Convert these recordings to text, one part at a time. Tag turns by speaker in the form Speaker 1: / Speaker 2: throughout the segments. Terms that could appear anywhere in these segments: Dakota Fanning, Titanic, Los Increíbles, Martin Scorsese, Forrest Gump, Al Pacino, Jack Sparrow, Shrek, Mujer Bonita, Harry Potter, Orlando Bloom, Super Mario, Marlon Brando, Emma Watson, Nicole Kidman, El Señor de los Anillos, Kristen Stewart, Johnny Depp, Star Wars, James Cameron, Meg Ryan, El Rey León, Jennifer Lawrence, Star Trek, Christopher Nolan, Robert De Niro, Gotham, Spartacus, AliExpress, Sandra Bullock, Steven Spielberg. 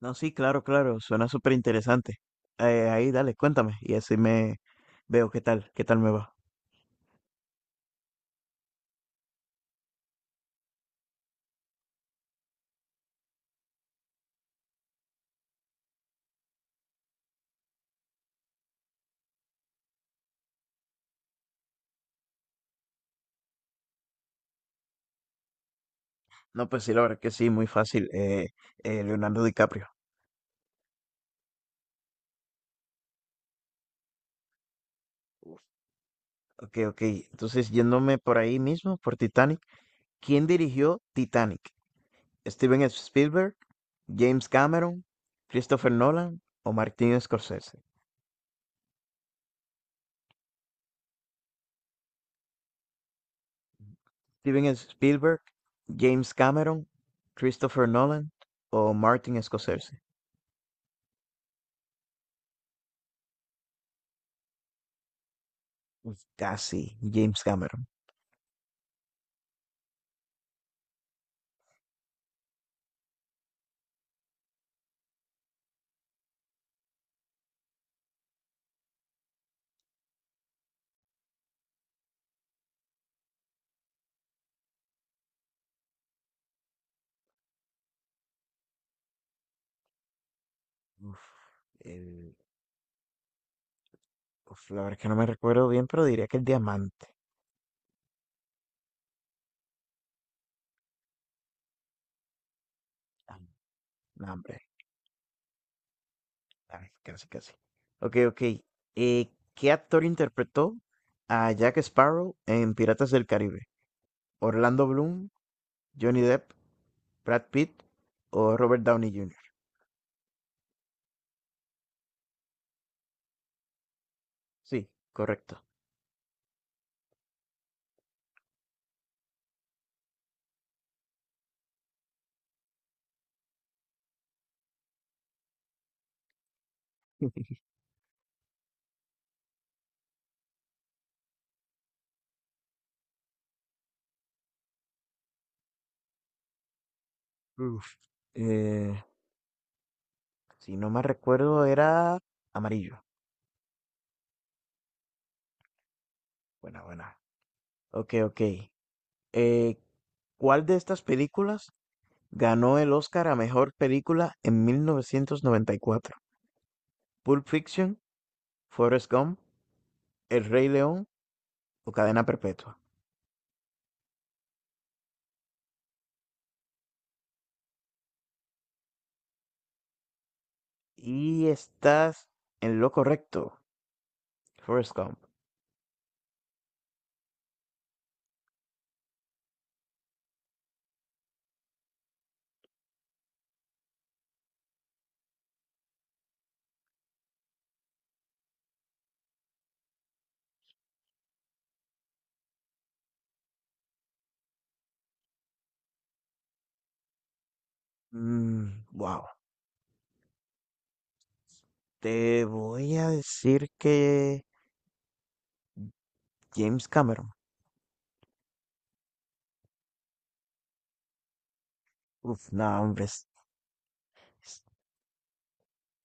Speaker 1: No, sí, claro, claro, suena súper interesante. Ahí, dale, cuéntame y así me veo qué tal me va. No, pues sí, la verdad que sí, muy fácil. Leonardo DiCaprio. Ok, ok. Entonces, yéndome por ahí mismo, por Titanic. ¿Quién dirigió Titanic? ¿Steven Spielberg, James Cameron, Christopher Nolan o Martin Scorsese? Steven Spielberg, James Cameron, Christopher Nolan o Martin Scorsese. Uf, casi, James Cameron. Uf, el- la verdad es que no me recuerdo bien, pero diría que el diamante. Ah, no, hombre, ay, casi, casi. Ok, ok. ¿Qué actor interpretó a Jack Sparrow en Piratas del Caribe? ¿Orlando Bloom, Johnny Depp, Brad Pitt o Robert Downey Jr.? Sí, correcto. Uf, eh, si no me recuerdo, era amarillo. Buena, buena. Ok, ok. Eh, ¿Cuál de estas películas ganó el Oscar a mejor película en 1994? Pulp Fiction, Forrest Gump, El Rey León o Cadena Perpetua. Y estás en lo correcto, Forrest Gump. Wow. Te voy a decir que James Cameron. Uf, no, hombre. S-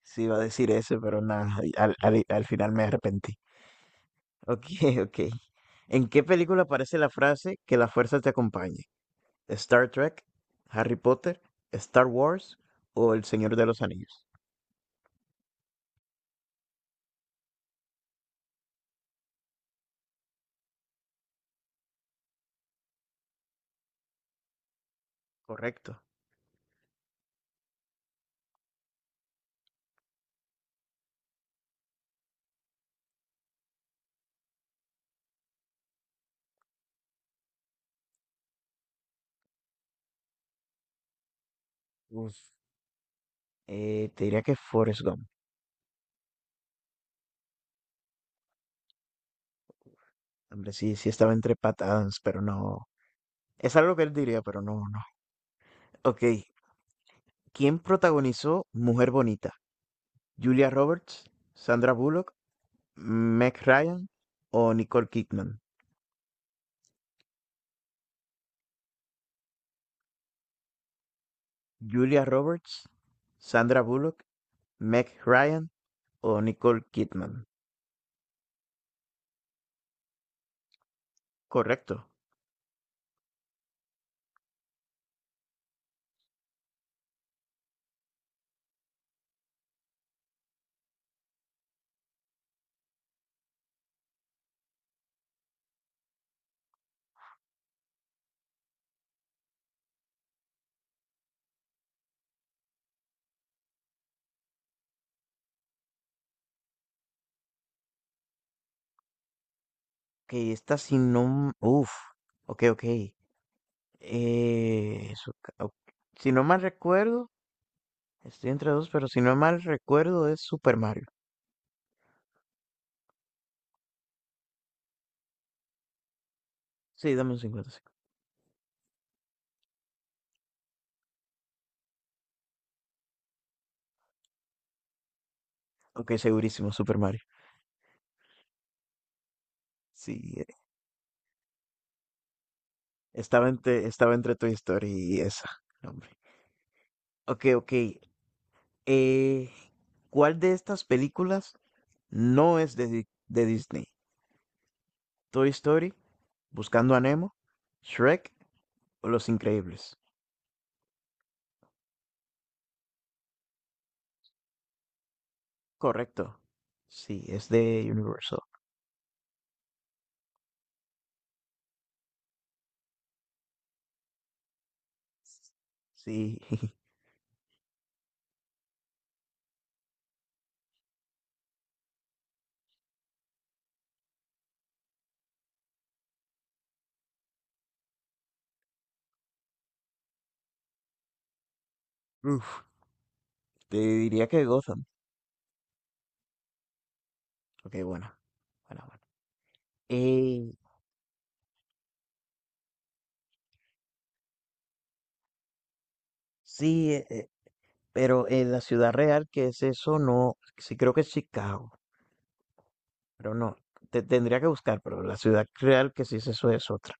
Speaker 1: Sí iba a decir ese, pero nada, al final me arrepentí. Ok, ok. ¿En qué película aparece la frase que la fuerza te acompañe? Star Trek, Harry Potter, Star Wars o El Señor de los Anillos. Correcto. Uf, te diría que Forrest Gump. Hombre, sí, sí estaba entre Pat Adams, pero no. Es algo que él diría, pero no, no. Ok. ¿Quién protagonizó Mujer Bonita? ¿Julia Roberts, Sandra Bullock, Meg Ryan o Nicole Kidman? Julia Roberts, Sandra Bullock, Meg Ryan o Nicole Kidman. Correcto. Que esta si no... Uf, ok, ok. Eso ok. Si no mal recuerdo, estoy entre dos, pero si no mal recuerdo es Super Mario. Sí, dame un 50. Sí. Ok, segurísimo, Super Mario. Sí, estaba entre Toy Story y esa, no, hombre. Ok, ok. Eh, ¿Cuál de estas películas no es de, de Disney? ¿Toy Story, Buscando a Nemo, Shrek o Los Increíbles? Correcto. Sí, es de Universal. Sí. Uf, te diría que Gotham. Ok, bueno. Bueno, bueno. Eh, sí, pero en la ciudad real, que es eso? No, sí creo que es Chicago, pero no. Te tendría que buscar, pero la ciudad real que sí es eso es otra.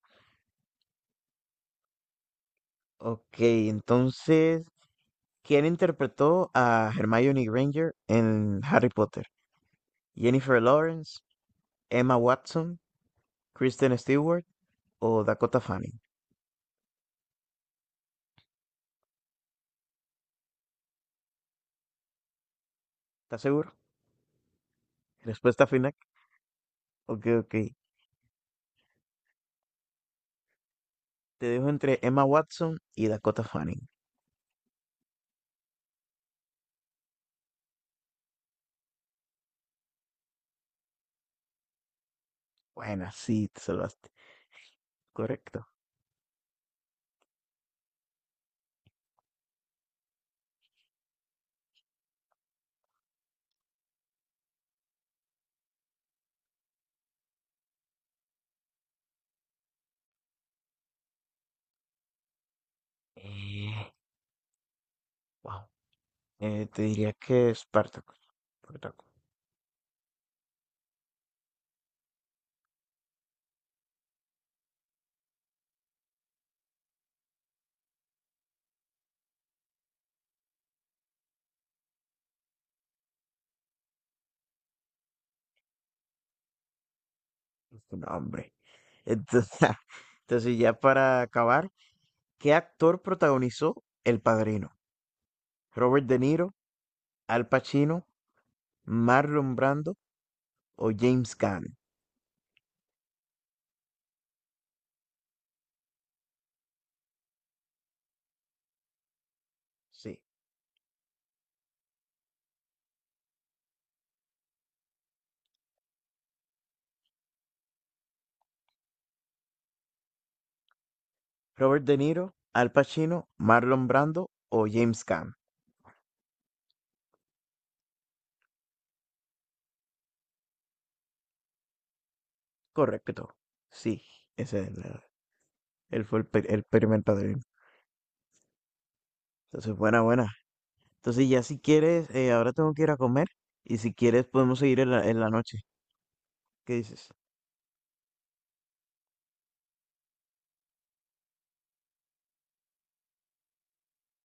Speaker 1: Ok, entonces, ¿quién interpretó a Hermione Granger en Harry Potter? ¿Jennifer Lawrence, Emma Watson, Kristen Stewart o Dakota Fanning? ¿Estás seguro? Respuesta final. Ok, ok. Te dejo entre Emma Watson y Dakota Fanning. Buena, sí, te salvaste. Correcto. Eh, wow. Te diría que Spartacus. Spartacus. Es un hombre. Entonces, entonces, ya para acabar, ¿qué actor protagonizó El Padrino? ¿Robert De Niro, Al Pacino, Marlon Brando o James Caan? Sí. Robert De Niro, Al Pacino, Marlon Brando o James Caan. Correcto. Sí, ese es el, él fue el primer padrino. Entonces, buena, buena. Entonces, ya si quieres, ahora tengo que ir a comer y si quieres podemos seguir en la noche. ¿Qué dices?